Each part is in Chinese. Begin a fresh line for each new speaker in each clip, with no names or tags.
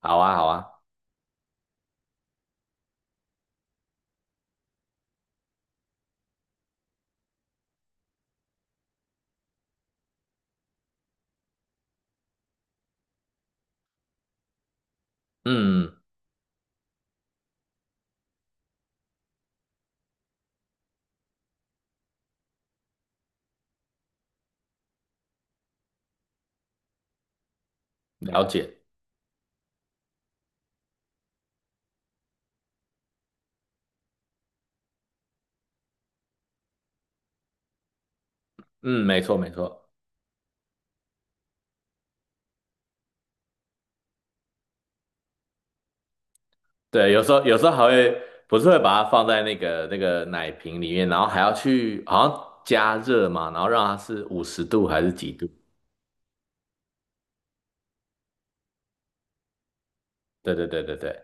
好啊，好啊，嗯，了解，嗯，没错，没错，对，有时候还会不是会把它放在那个奶瓶里面，然后还要去好像加热嘛，然后让它是50度还是几度？对对对对对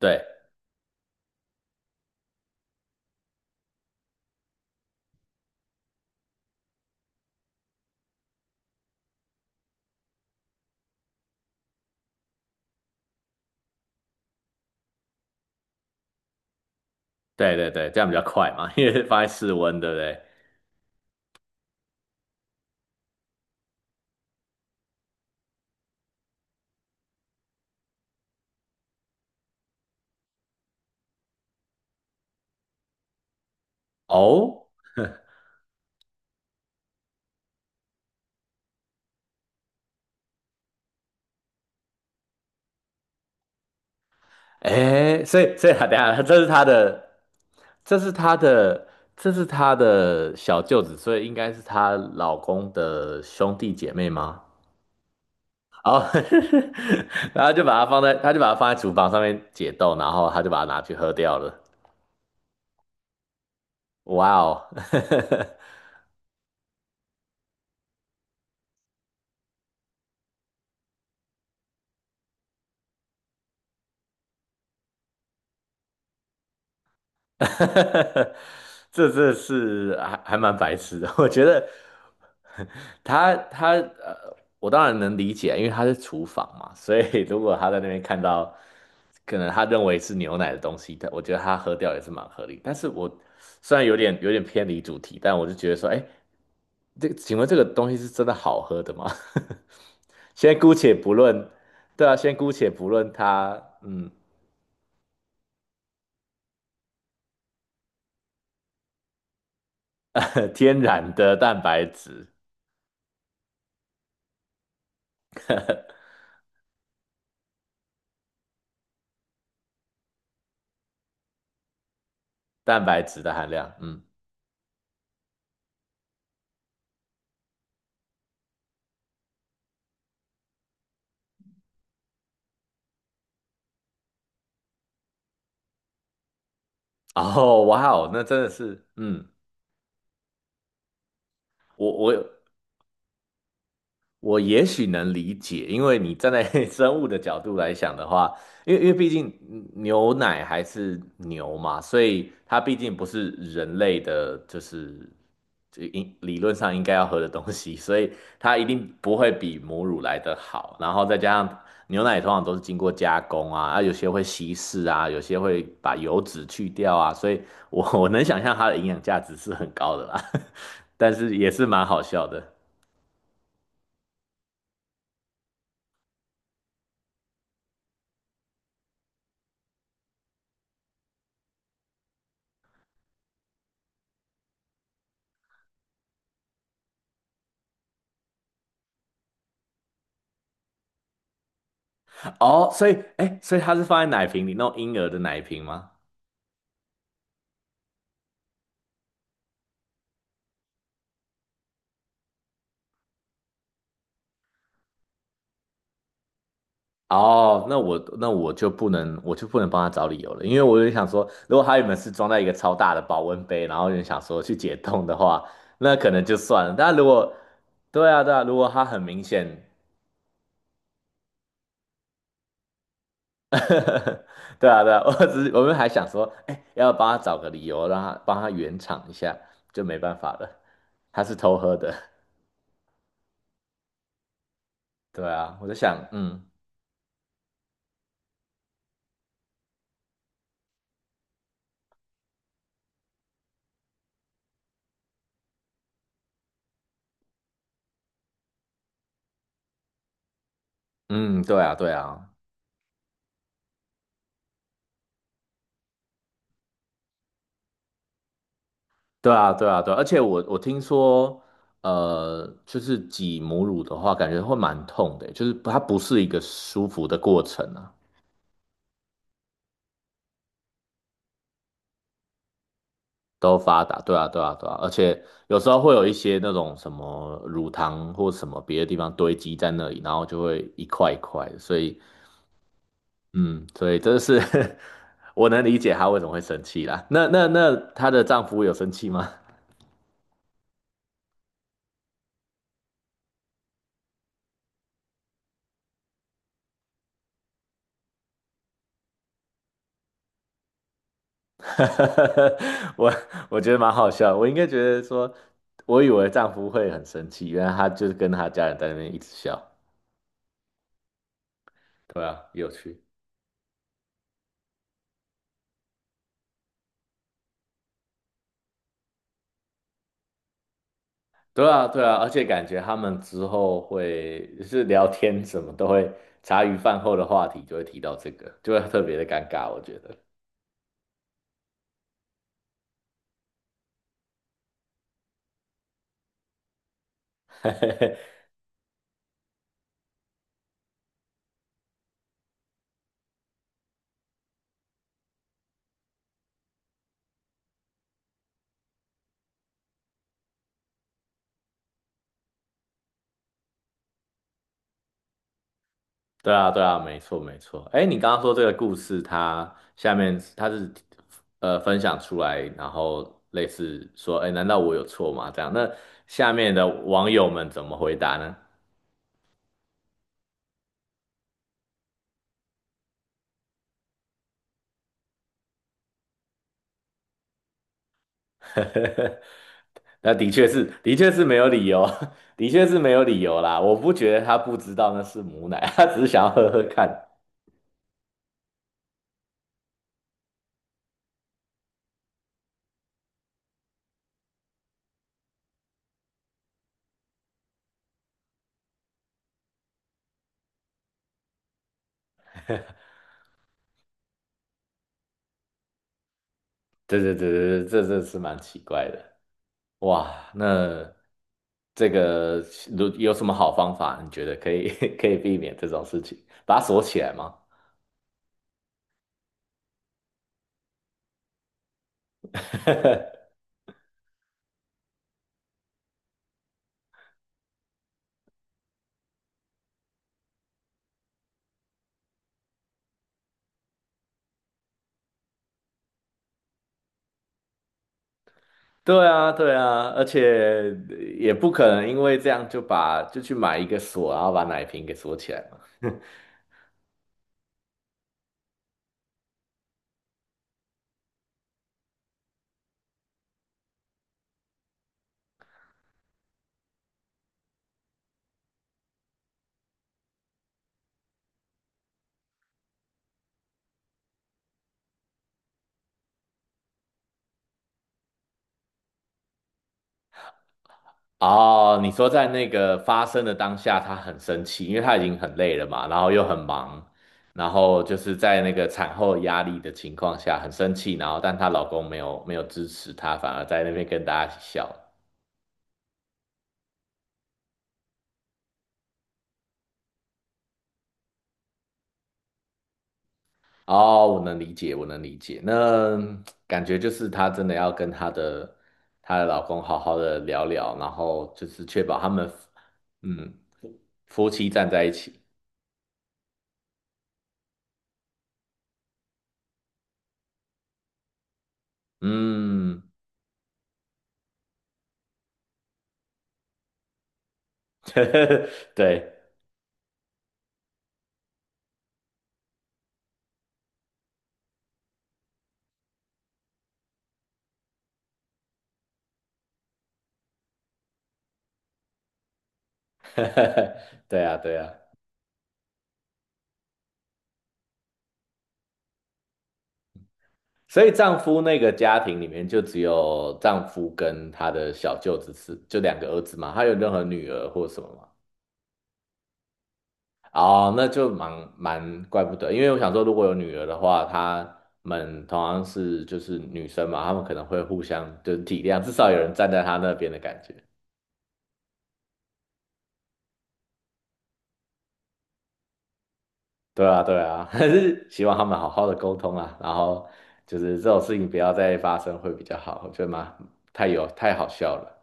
对对对对，这样比较快嘛，因为放在室温，对不对？哦，哎，所以他等一下，这是他的，这是他的小舅子，所以应该是她老公的兄弟姐妹吗？哦，然后就把它放在，他就把它放在厨房上面解冻，然后他就把它拿去喝掉了。哇哦，这是还蛮白痴的。我觉得他他呃，我当然能理解啊，因为他是厨房嘛，所以如果他在那边看到可能他认为是牛奶的东西，我觉得他喝掉也是蛮合理。但是虽然有点偏离主题，但我就觉得说，哎，请问这个东西是真的好喝的吗？先姑且不论，对啊，先姑且不论它，嗯，天然的蛋白质，蛋白质的含量，嗯，哦，哇哦，那真的是，嗯，我我我也许能理解，因为你站在 生物的角度来想的话，因为毕竟牛奶还是牛嘛，所以它毕竟不是人类的，就是应理论上应该要喝的东西，所以它一定不会比母乳来的好。然后再加上牛奶通常都是经过加工啊，有些会稀释啊，有些会把油脂去掉啊，所以我能想象它的营养价值是很高的啦，但是也是蛮好笑的。哦，所以，哎，所以它是放在奶瓶里，那种婴儿的奶瓶吗？哦，那我就不能帮他找理由了，因为我就想说，如果他原本是装在一个超大的保温杯，然后就想说去解冻的话，那可能就算了。但如果，对啊，对啊，如果他很明显，对啊，对啊，我只是我们还想说，哎，要帮他找个理由，让他帮他圆场一下，就没办法了，他是偷喝的。对啊，我就想，嗯嗯，对啊，对啊，对啊，对啊，对啊，而且我听说，就是挤母乳的话，感觉会蛮痛的欸，就是它不是一个舒服的过程啊，都发达，对啊，对啊，对啊，而且有时候会有一些那种什么乳糖或什么别的地方堆积在那里，然后就会一块一块的，所以，嗯，所以真的是 我能理解她为什么会生气啦。那她的丈夫有生气吗？我我觉得蛮好笑的我应该觉得说，我以为丈夫会很生气，原来他就是跟他家人在那边一直笑。对啊，有趣。对啊，对啊，而且感觉他们之后会就是聊天什么都会，茶余饭后的话题就会提到这个，就会特别的尴尬，我觉得。对啊，对啊，没错，没错。哎，你刚刚说这个故事，它下面是分享出来，然后类似说，哎，难道我有错吗？这样，那下面的网友们怎么回答呢？那的确是没有理由，的确是没有理由啦。我不觉得他不知道那是母奶，他只是想要喝喝看。对对对对对，这是蛮奇怪的。哇，那这个如有什么好方法？你觉得可以 可以避免这种事情？把它锁起来吗？对啊，对啊，而且也不可能因为这样就去买一个锁，然后把奶瓶给锁起来嘛。哦，你说在那个发生的当下，她很生气，因为她已经很累了嘛，然后又很忙，然后就是在那个产后压力的情况下很生气，然后但她老公没有支持她，反而在那边跟大家一起笑。哦，我能理解，我能理解。那感觉就是她真的要跟她的老公好好的聊聊，然后就是确保他们嗯夫妻站在一起。嗯，对，对啊，对啊。所以丈夫那个家庭里面就只有丈夫跟他的小舅子就两个儿子嘛，他有任何女儿或什么吗？哦，那就怪不得，因为我想说，如果有女儿的话，她们同样是就是女生嘛，她们可能会互相就是体谅，至少有人站在她那边的感觉。对啊，对啊，还是希望他们好好的沟通啊，然后就是这种事情不要再发生会比较好，我觉得蛮太有太好笑了。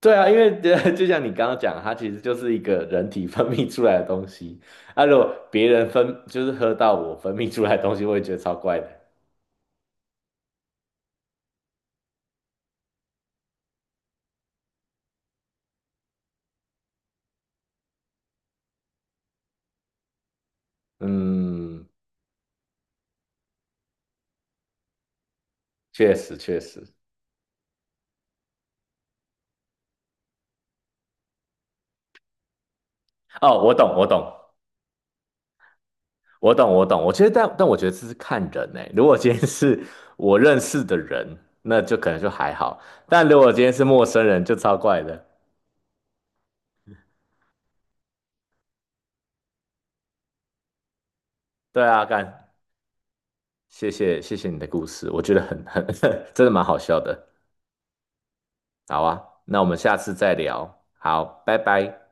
对啊，因为 就像你刚刚讲，它其实就是一个人体分泌出来的东西，啊，如果别人就是喝到我分泌出来的东西，我也觉得超怪的。嗯，确实确实，哦，我懂，我懂，我懂，我懂。我觉得，但我觉得这是看人呢、如果今天是我认识的人，那就可能就还好；但如果今天是陌生人，就超怪的。对啊，干，谢谢谢谢你的故事，我觉得很很 真的蛮好笑的。好啊，那我们下次再聊。好，拜拜。